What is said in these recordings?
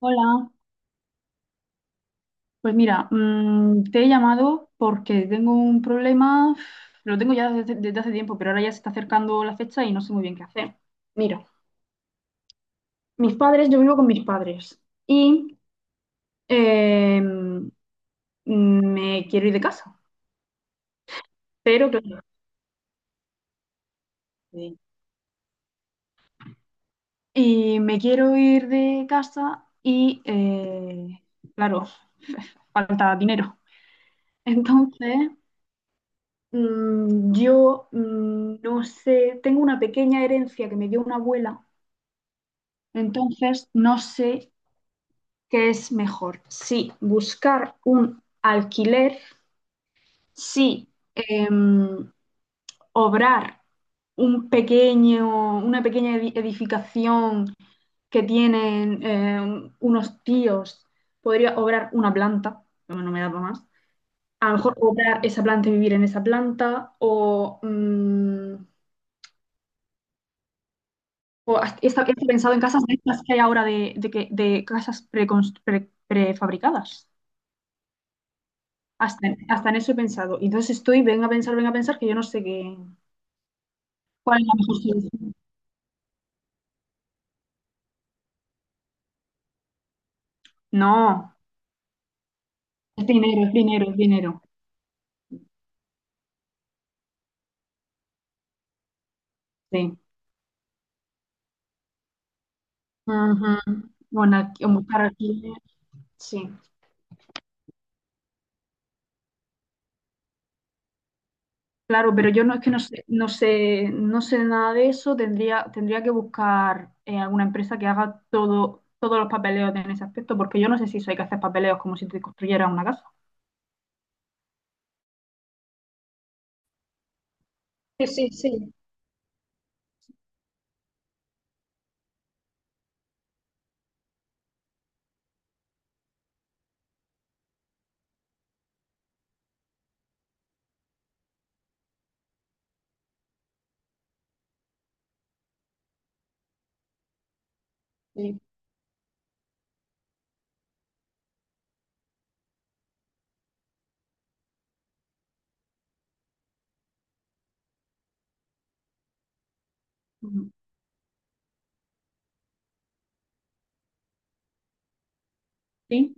Hola, pues mira, te he llamado porque tengo un problema, lo tengo ya desde hace tiempo, pero ahora ya se está acercando la fecha y no sé muy bien qué hacer. Mira, mis padres, yo vivo con mis padres y eh, mm, me quiero ir de casa, pero claro, eh, y me quiero ir de casa y claro, falta dinero. Entonces, yo no sé, tengo una pequeña herencia que me dio una abuela. Entonces, no sé qué es mejor. Si buscar un alquiler, si em, obrar un pequeño, una pequeña edificación que tienen unos tíos, podría obrar una planta, no, no me da para más. A lo mejor obrar esa planta y vivir en esa planta, o he pensado en casas de estas que hay ahora de casas prefabricadas. Hasta en eso he pensado. Y entonces estoy, venga a pensar, que yo no sé qué, cuál es la mejor solución. No, es dinero, es dinero, es dinero. Sí. Ujú. Bueno, buscar aquí, sí. Claro, pero yo no es que no sé, no sé, no sé nada de eso. Tendría, tendría que buscar alguna empresa que haga todo, todos los papeleos en ese aspecto, porque yo no sé si eso hay que hacer papeleos como si te construyera una casa. Sí, sí, sí. Sí. Ujú. Sí.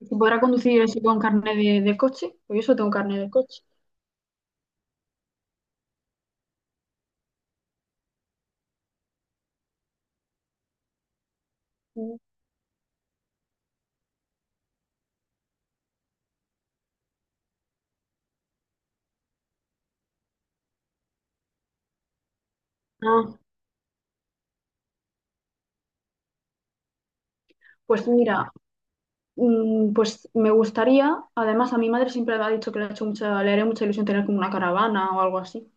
¿Se podrá conducir eso con carnet de coche? Pues yo solo tengo carnet de coche. Ah, pues mira, pues me gustaría, además a mi madre siempre le ha dicho que le ha hecho mucha, le haría mucha ilusión tener como una caravana o algo así.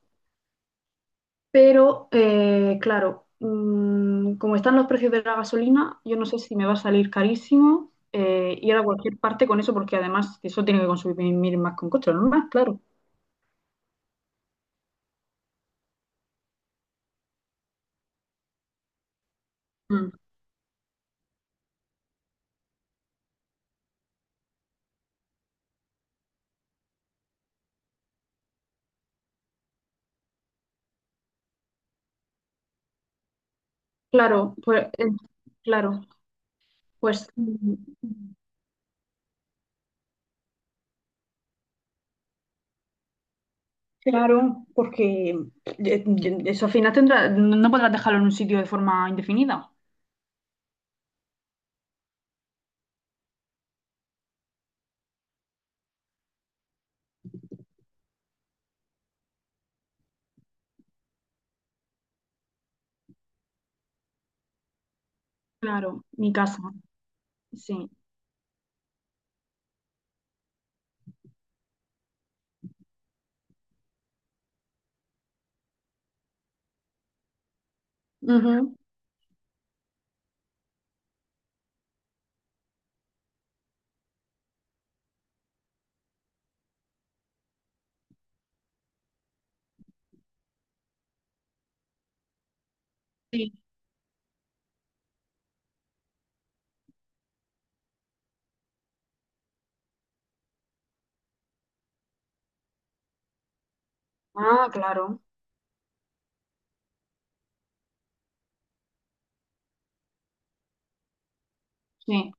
Pero claro, como están los precios de la gasolina, yo no sé si me va a salir carísimo ir a cualquier parte con eso, porque además eso tiene que consumir más con coche, ¿no? Más, claro. Mm. Claro, pues claro, pues claro, porque eh, eso al final tendrá, no podrás dejarlo en un sitio de forma indefinida. Claro, mi casa, sí. Ujú. Sí. Ah, claro, sí.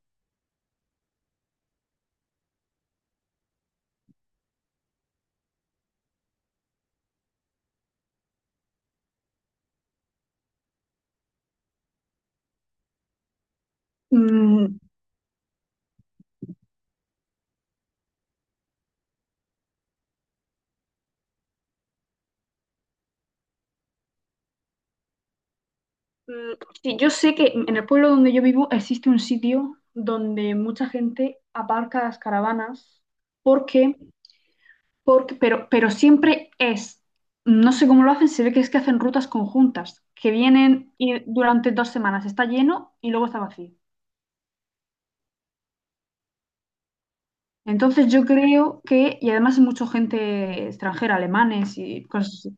Mm, mm, sí, yo sé que en el pueblo donde yo vivo existe un sitio donde mucha gente aparca las caravanas porque, porque, pero siempre es, no sé cómo lo hacen, se ve que es que hacen rutas conjuntas, que vienen y durante dos semanas está lleno y luego está vacío. Entonces yo creo que, y además hay mucha gente extranjera, alemanes y cosas así,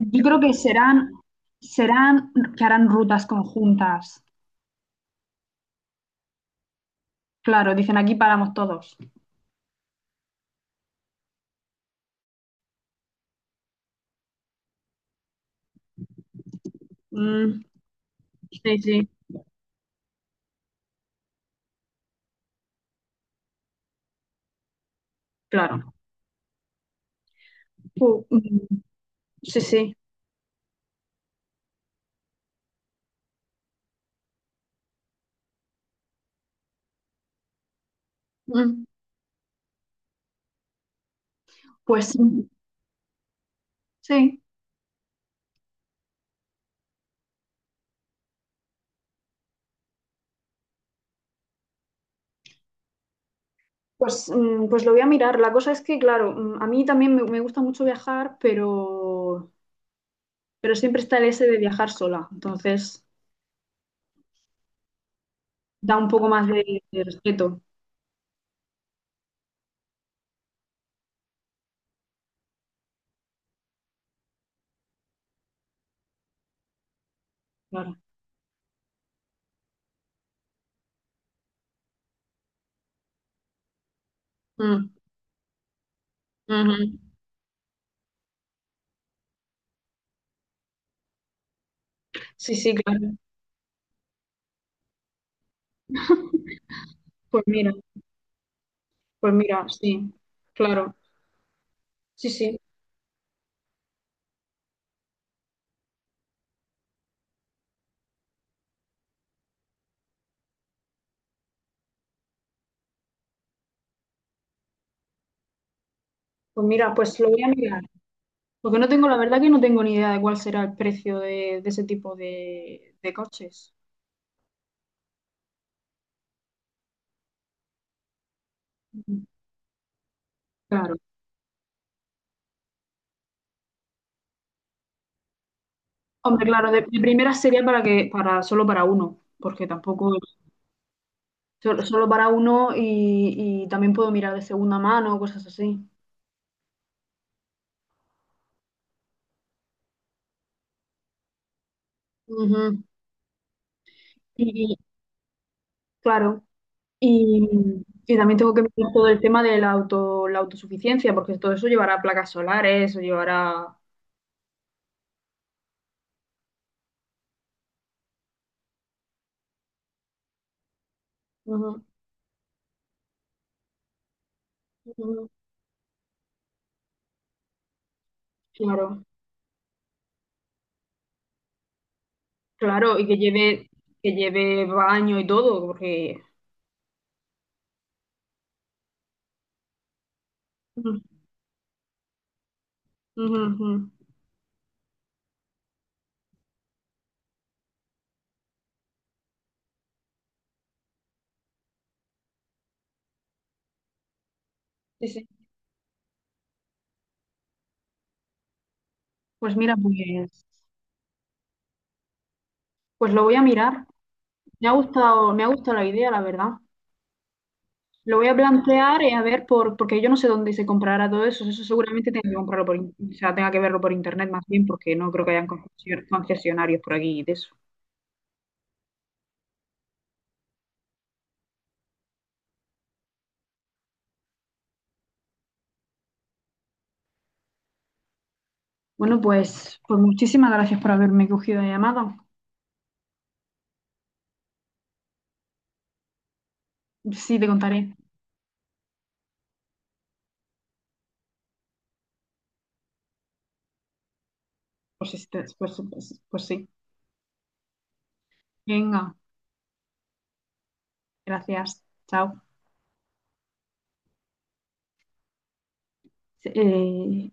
yo creo que serán, serán, que harán rutas conjuntas. Claro, dicen aquí paramos todos. Mm, sí, sí, claro. Pu- mm, sí, sí. Mm, pues mm, sí. Pues, pues lo voy a mirar. La cosa es que, claro, a mí también me gusta mucho viajar, pero siempre está el ese de viajar sola. Entonces da un poco más de respeto. Claro. Mm, ujú. Sí, sí, claro. Pues mira, pues mira, sí, claro. Sí, sí. Pues mira, pues lo voy a mirar. Porque no tengo, la verdad que no tengo ni idea de cuál será el precio de ese tipo de coches. Claro. Hombre, claro, de primera sería para que, para, solo para uno, porque tampoco, solo, solo para uno y también puedo mirar de segunda mano, cosas así. Ujú. Y claro. Y también tengo que mirar todo el tema de la auto, la autosuficiencia, porque todo eso llevará placas solares, o llevará... Ujú, ujú. Claro, claro, y que lleve baño y todo, porque... Ujú, ujú, ujú. Sí, sí. Pues mira, pues, pues lo voy a mirar. Me ha gustado la idea, la verdad. Lo voy a plantear y a ver por, porque yo no sé dónde se comprará todo eso. Eso seguramente tenga que comprarlo por, o sea, tenga que verlo por internet más bien, porque no creo que hayan concesionarios por aquí de eso. Bueno, pues, pues muchísimas gracias por haberme cogido la llamada. Sí, te contaré. Pues, pues, pues, pues sí. Venga, gracias. Chao. Eh,